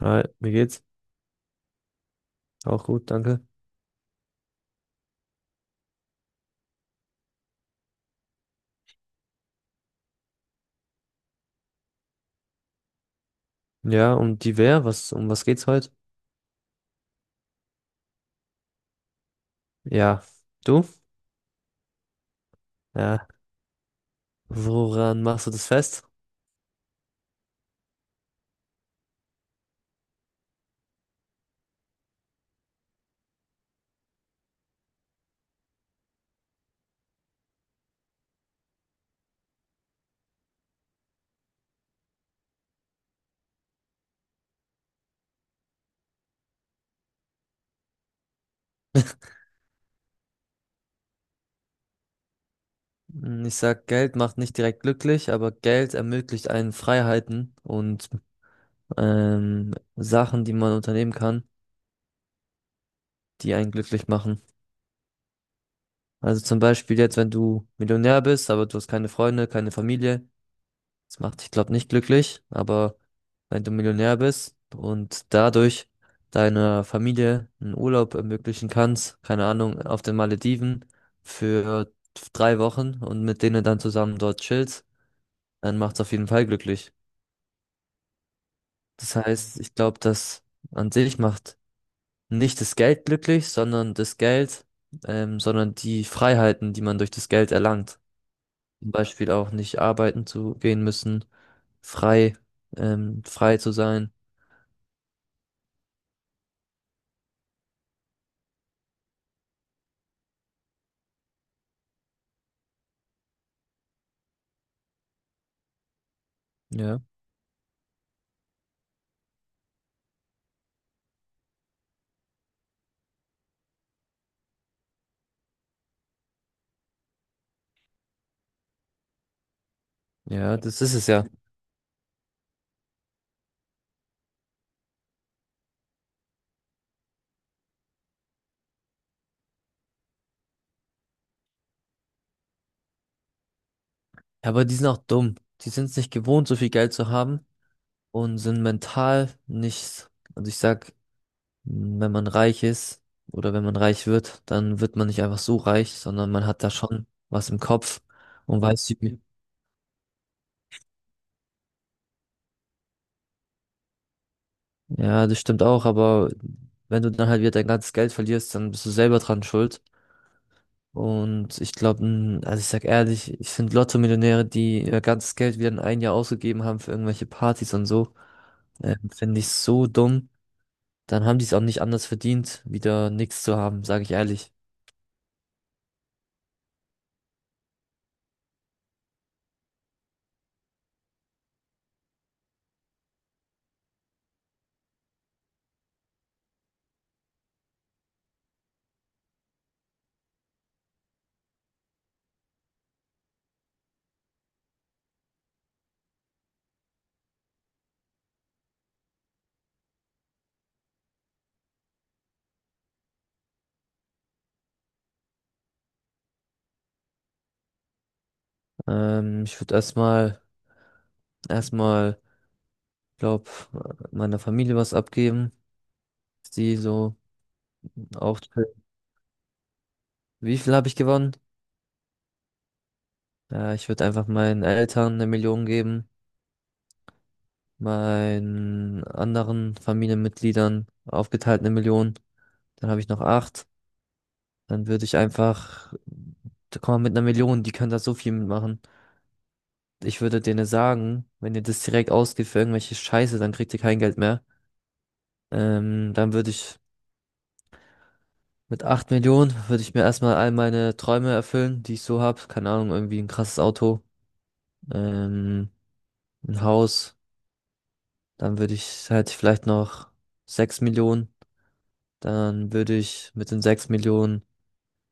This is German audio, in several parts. Hi, mir geht's. Auch gut, danke. Ja, um was geht's heute? Ja, du? Ja, woran machst du das fest? Ich sag, Geld macht nicht direkt glücklich, aber Geld ermöglicht einen Freiheiten und Sachen, die man unternehmen kann, die einen glücklich machen. Also zum Beispiel jetzt, wenn du Millionär bist, aber du hast keine Freunde, keine Familie. Das macht dich, glaube nicht glücklich, aber wenn du Millionär bist und dadurch deiner Familie einen Urlaub ermöglichen kannst, keine Ahnung, auf den Malediven für 3 Wochen und mit denen dann zusammen dort chillst, dann macht's auf jeden Fall glücklich. Das heißt, ich glaube, dass an sich macht nicht das Geld glücklich, sondern die Freiheiten, die man durch das Geld erlangt. Zum Beispiel auch nicht arbeiten zu gehen müssen, frei, frei zu sein. Ja, ja, das ist es ja. Ja, aber die sind auch dumm. Die sind es nicht gewohnt, so viel Geld zu haben und sind mental nicht. Also ich sag, wenn man reich ist oder wenn man reich wird, dann wird man nicht einfach so reich, sondern man hat da schon was im Kopf und weiß, ja, das stimmt auch, aber wenn du dann halt wieder dein ganzes Geld verlierst, dann bist du selber dran schuld. Und ich glaube, also ich sag ehrlich, ich finde Lotto-Millionäre, die ihr ganzes Geld wieder in ein Jahr ausgegeben haben für irgendwelche Partys und so, finde ich so dumm. Dann haben die es auch nicht anders verdient, wieder nichts zu haben, sage ich ehrlich. Ich würde erstmal, glaub, meiner Familie was abgeben, die so auch. Wie viel habe ich gewonnen? Ja, ich würde einfach meinen Eltern 1 Million geben, meinen anderen Familienmitgliedern aufgeteilt 1 Million. Dann habe ich noch acht. Dann würde ich einfach, da kann man mit 1 Million, die können da so viel mitmachen. Ich würde denen sagen, wenn ihr das direkt ausgibt für irgendwelche Scheiße, dann kriegt ihr kein Geld mehr. Dann würde ich mit 8 Millionen, würde ich mir erstmal all meine Träume erfüllen, die ich so habe. Keine Ahnung, irgendwie ein krasses Auto, ähm, ein Haus. Dann würde ich halt vielleicht noch 6 Millionen. Dann würde ich mit den 6 Millionen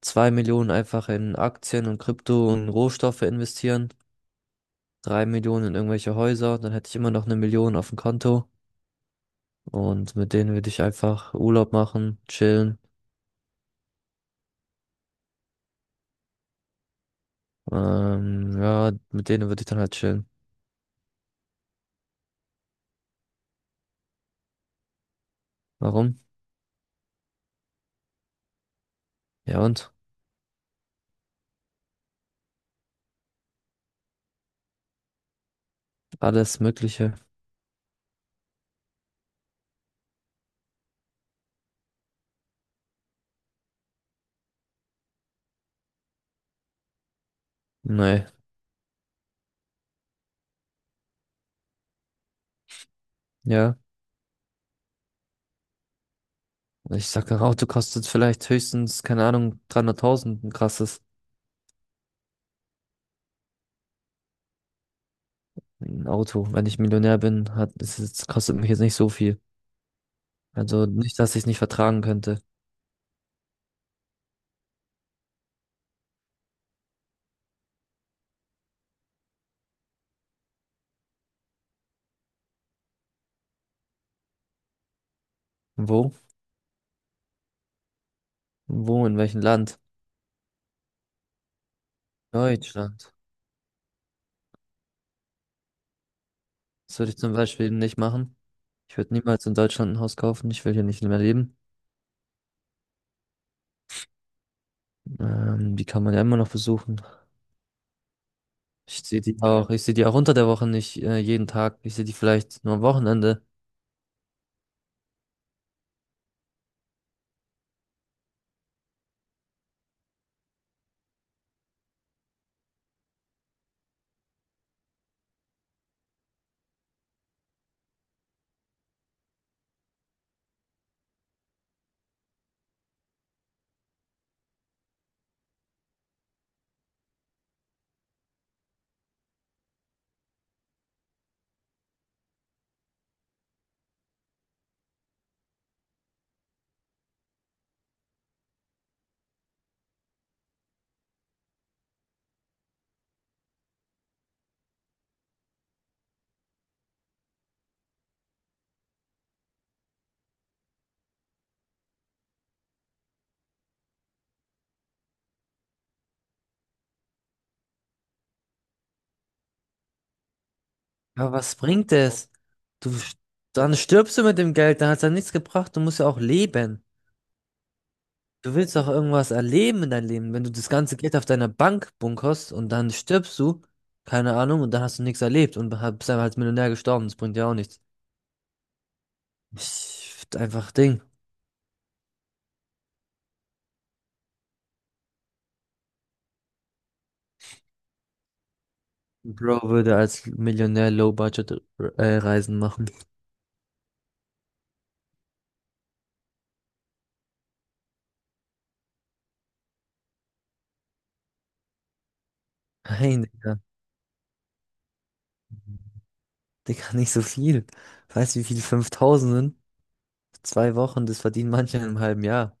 2 Millionen einfach in Aktien und Krypto und Rohstoffe investieren. 3 Millionen in irgendwelche Häuser, dann hätte ich immer noch 1 Million auf dem Konto, und mit denen würde ich einfach Urlaub machen, chillen. Ja, mit denen würde ich dann halt chillen. Warum? Ja und? Alles Mögliche. Nee, ja. Ich sag, ein Auto kostet vielleicht höchstens, keine Ahnung, 300.000, ein Auto. Wenn ich Millionär bin, kostet mich jetzt nicht so viel. Also nicht, dass ich es nicht vertragen könnte. Wo? Wo? In welchem Land? Deutschland. Das würde ich zum Beispiel nicht machen. Ich würde niemals in Deutschland ein Haus kaufen. Ich will hier nicht mehr leben. Die kann man ja immer noch besuchen. Ich sehe die auch unter der Woche nicht jeden Tag. Ich sehe die vielleicht nur am Wochenende. Aber was bringt es? Du, st- Dann stirbst du mit dem Geld, dann hat es ja nichts gebracht. Du musst ja auch leben. Du willst auch irgendwas erleben in deinem Leben. Wenn du das ganze Geld auf deiner Bank bunkerst und dann stirbst du, keine Ahnung, und dann hast du nichts erlebt und bist einfach als Millionär gestorben. Das bringt ja auch nichts. Ich, einfach Ding. Bro würde als Millionär Low-Budget-Reisen machen. Nein, Digga. Digga, nicht so viel. Weißt du, wie viel 5000 sind? 2 Wochen, das verdienen manche in einem halben Jahr.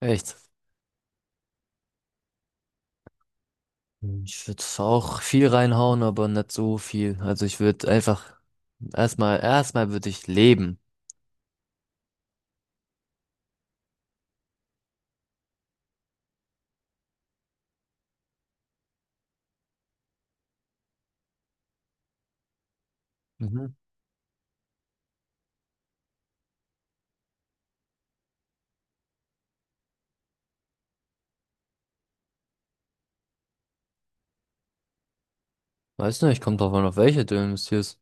Echt? Mhm. Ich würde auch viel reinhauen, aber nicht so viel. Also ich würde einfach erstmal würde ich leben. Mhm. Weiß nicht, kommt drauf an, auf welche du investierst.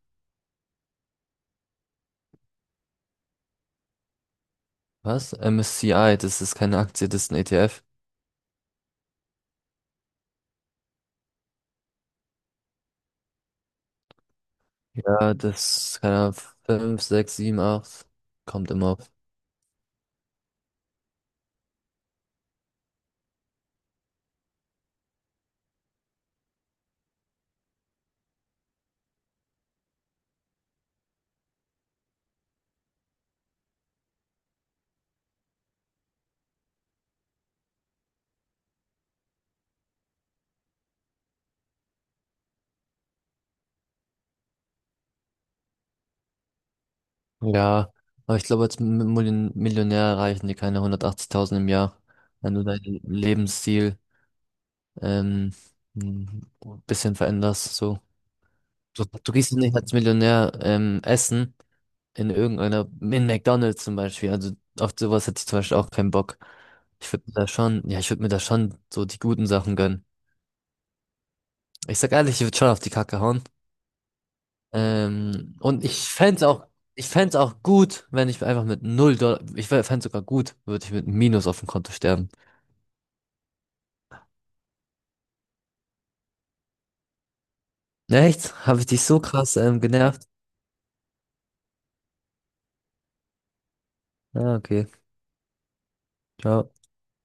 Was? MSCI, das ist keine Aktie, das ist ein ETF. Ja, das, keine Ahnung, 5, 6, 7, 8. Kommt immer auf. Ja, aber ich glaube, als Millionär erreichen die keine 180.000 im Jahr, wenn du deinen Lebensstil ähm, ein bisschen veränderst. So. Du gehst ja nicht als Millionär essen in McDonald's zum Beispiel. Also auf sowas hätte ich zum Beispiel auch keinen Bock. Ich würde mir da schon, ja, ich würde mir da schon so die guten Sachen gönnen. Ich sag ehrlich, ich würde schon auf die Kacke hauen. Und ich fänd's auch gut, wenn ich einfach mit 0 Dollar, ich fänd's sogar gut, würde ich mit einem Minus auf dem Konto sterben. Echt? Habe ich dich so krass genervt? Ja, okay. Ciao.